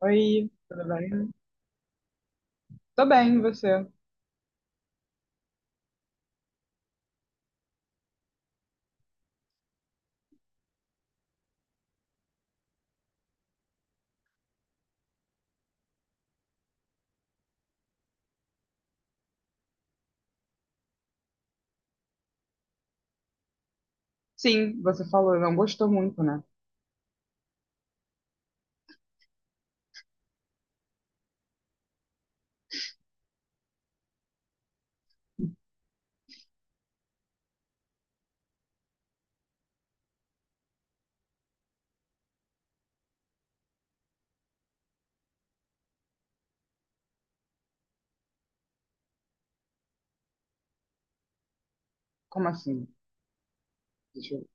Oi, tudo bem? Tô bem, e você? Sim, você falou, não gostou muito, né? Como assim? Deixa eu-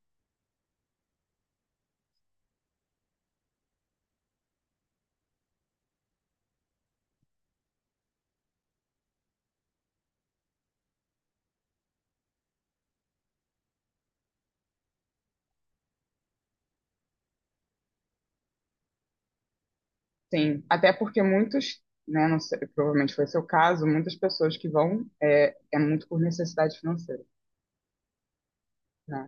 Sim, até porque muitos, né, não sei, provavelmente foi seu caso, muitas pessoas que vão é muito por necessidade financeira, né?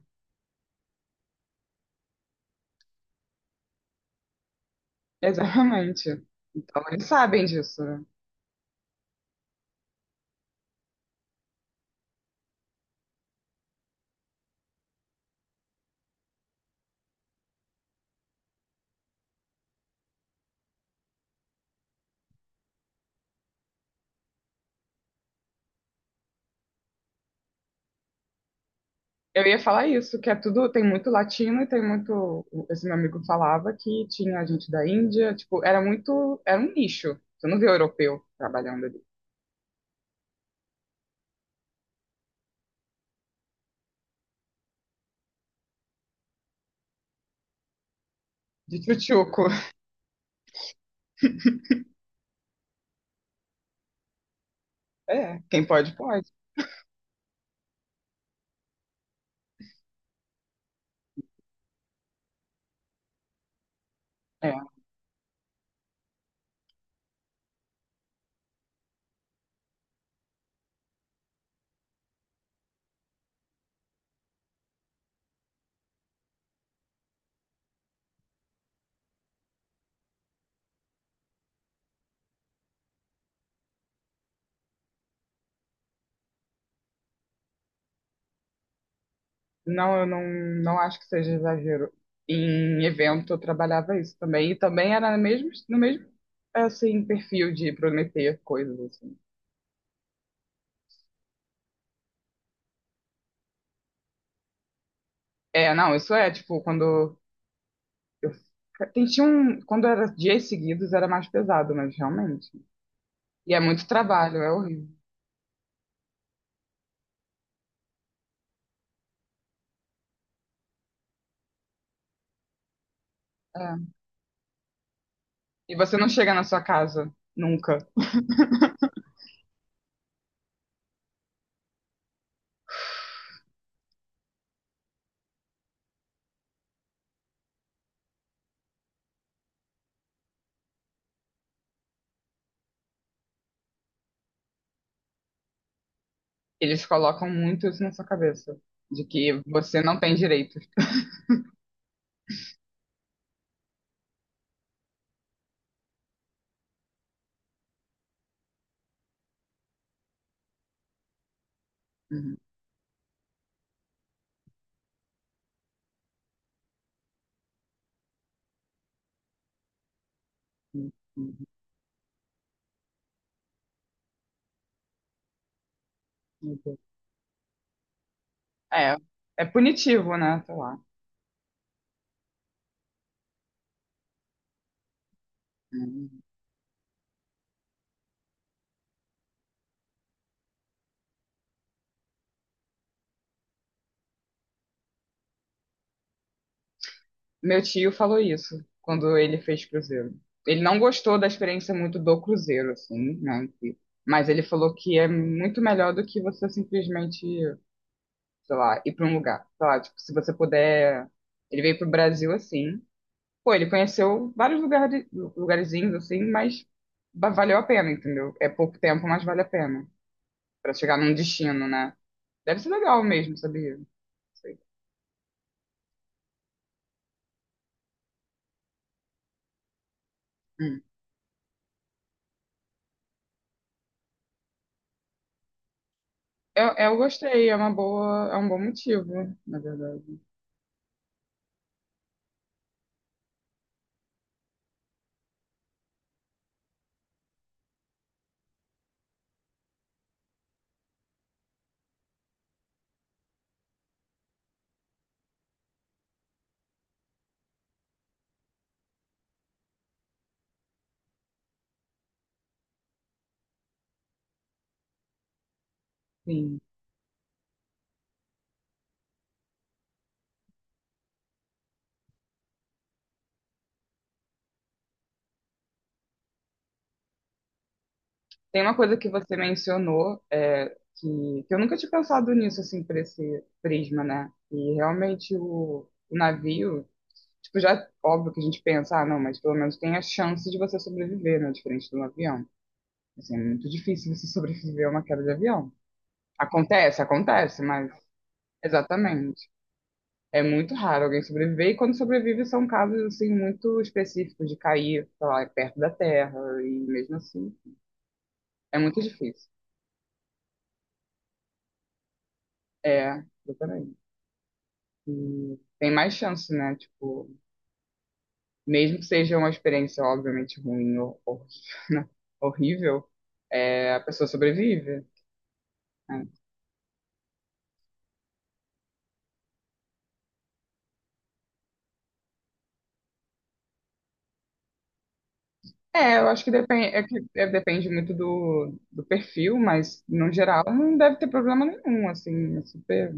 Exatamente. Então, eles sabem disso, né? Eu ia falar isso, que é tudo, tem muito latino e tem muito, esse meu amigo falava que tinha gente da Índia, tipo, era muito, era um nicho. Você não vê europeu trabalhando ali. De tchutchuco. É, quem pode, pode. É. Não, eu não, Não acho que seja exagero. Em evento eu trabalhava isso também, e também era no mesmo, no mesmo, assim, perfil de prometer coisas assim. É, não, isso é tipo quando eu tinha um, quando era dias seguidos era mais pesado, mas realmente. E é muito trabalho, é horrível. É. E você não chega na sua casa nunca. Eles colocam muito isso na sua cabeça, de que você não tem direitos. Uhum, uhum, uhum. Uhum. É, é punitivo, né? Sei lá. Uhum. Meu tio falou isso quando ele fez cruzeiro. Ele não gostou da experiência muito do cruzeiro, assim, né? Em si. Mas ele falou que é muito melhor do que você simplesmente, sei lá, ir para um lugar. Sei lá, tipo, se você puder. Ele veio pro Brasil assim. Pô, ele conheceu vários lugares, lugarzinhos assim, mas valeu a pena, entendeu? É pouco tempo, mas vale a pena para chegar num destino, né? Deve ser legal mesmo, sabia? Não sei. Hum. Eu gostei, é uma boa, é um bom motivo, na verdade. Sim. Tem uma coisa que você mencionou, é, que eu nunca tinha pensado nisso, assim, por esse prisma, né? E realmente o navio, tipo, já óbvio que a gente pensa, ah, não, mas pelo menos tem a chance de você sobreviver, né? Diferente de um avião. Assim, é muito difícil você sobreviver a uma queda de avião. Acontece, acontece, mas exatamente. É muito raro alguém sobreviver, e quando sobrevive são casos, assim, muito específicos de cair, sei lá, perto da terra, e mesmo assim, é muito difícil. É, exatamente. E tem mais chance, né? Tipo, mesmo que seja uma experiência obviamente ruim ou horrível, é, a pessoa sobrevive. Né? É, eu acho que depende, é que é, depende muito do perfil, mas no geral não deve ter problema nenhum, assim, é super.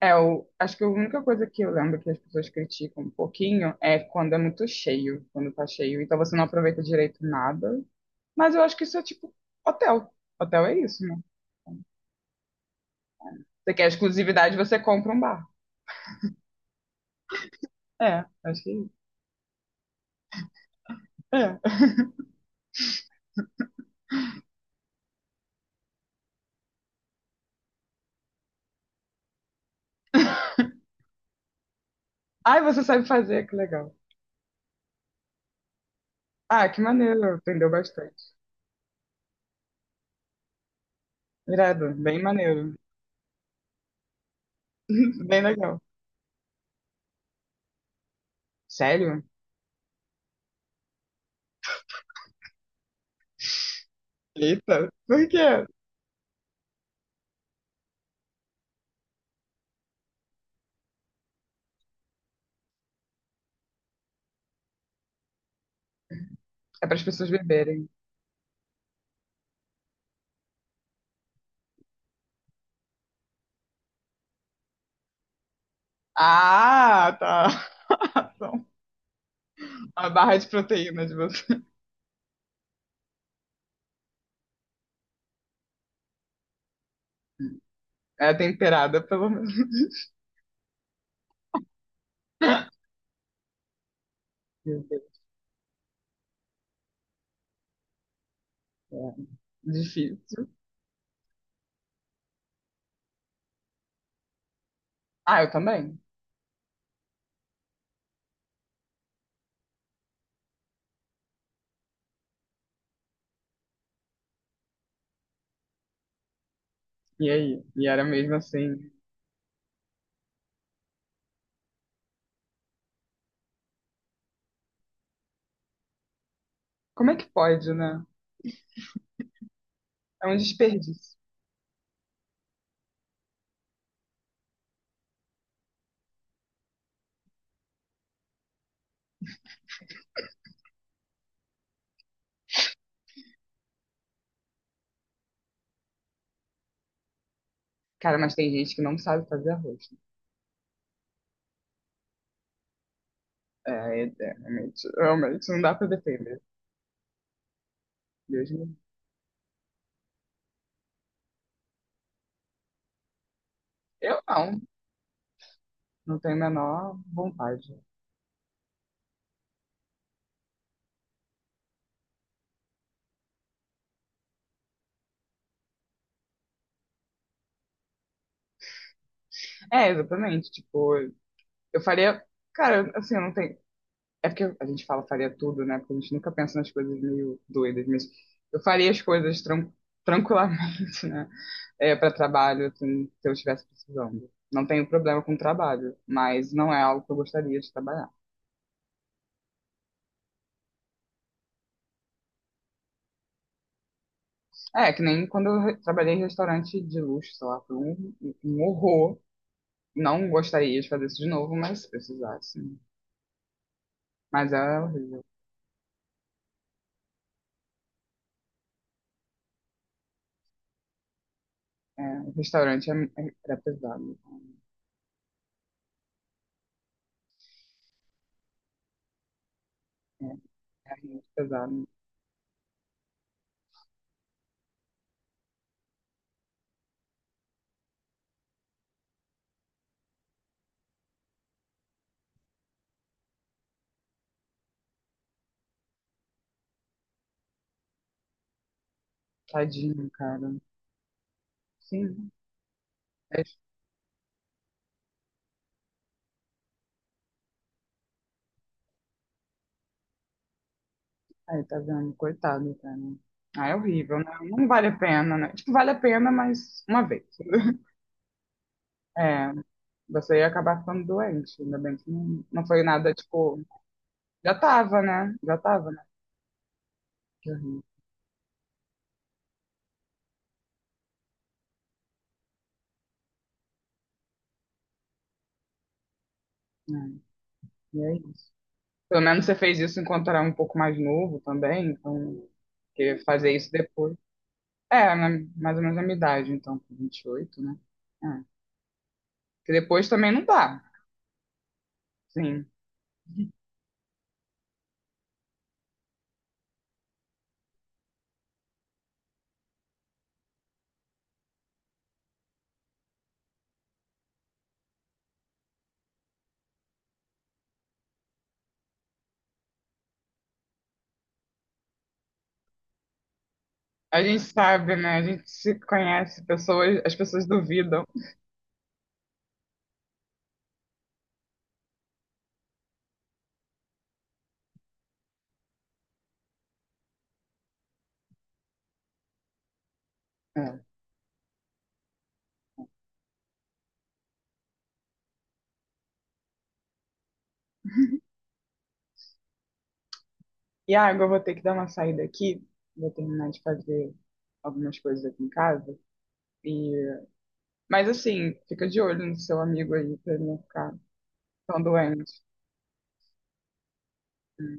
É, eu acho que a única coisa que eu lembro que as pessoas criticam um pouquinho é quando é muito cheio, quando tá cheio, então você não aproveita direito nada. Mas eu acho que isso é tipo hotel. Hotel é isso, né? Você quer exclusividade, você compra um bar. É, acho que. É. Ai, você sabe fazer, que legal. Ah, que maneiro, aprendeu bastante. Irado, bem maneiro. Bem legal. Sério? Eita, por quê? É para as pessoas beberem. Ah, tá. Então, a barra de proteína de você é temperada, pelo menos. Meu Deus, é difícil. Ah, eu também. E aí? E era mesmo assim. Como é que pode, né? É um desperdício. Cara, mas tem gente que não sabe fazer arroz. É, é, realmente, realmente não dá pra defender. Deus me... Eu não, não tenho a menor vontade. É, exatamente, tipo, eu faria, cara, assim, eu não tenho, é porque a gente fala faria tudo, né? Porque a gente nunca pensa nas coisas meio doidas, mas eu faria as coisas tran tranquilamente, né? É, para trabalho, assim, se eu estivesse precisando. Não tenho problema com trabalho, mas não é algo que eu gostaria de trabalhar. É, que nem quando eu trabalhei em restaurante de luxo, sei lá, foi um, um horror. Não gostaria de fazer isso de novo, mas se precisasse. Mas é horrível. É, o restaurante era pesado. É, é muito pesado. Tadinho, cara. Sim. É, aí, tá vendo? Coitado, cara. Ah, é horrível, né? Não vale a pena, né? Tipo, vale a pena, mas uma vez. É, você ia acabar ficando doente. Ainda bem que não, não foi nada, tipo... Já tava, né? Já tava, né? Que horrível. É, e é isso. Pelo menos você fez isso enquanto era um pouco mais novo também, então, porque fazer isso depois. É, né, mais ou menos a minha idade, então, com 28, né? É. Que depois também não dá, sim. A gente sabe, né? A gente se conhece, pessoas, as pessoas duvidam. É. E ah, agora eu vou ter que dar uma saída aqui, vou terminar de fazer algumas coisas aqui em casa. E... Mas assim, fica de olho no seu amigo aí pra ele não ficar tão doente. Né.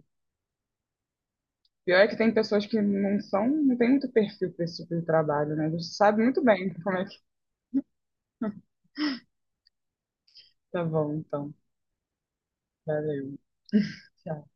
Pior é que tem pessoas que não são, não tem muito perfil para esse tipo de trabalho, né? Eles sabem muito bem como é que tá bom, então. Valeu. Tchau.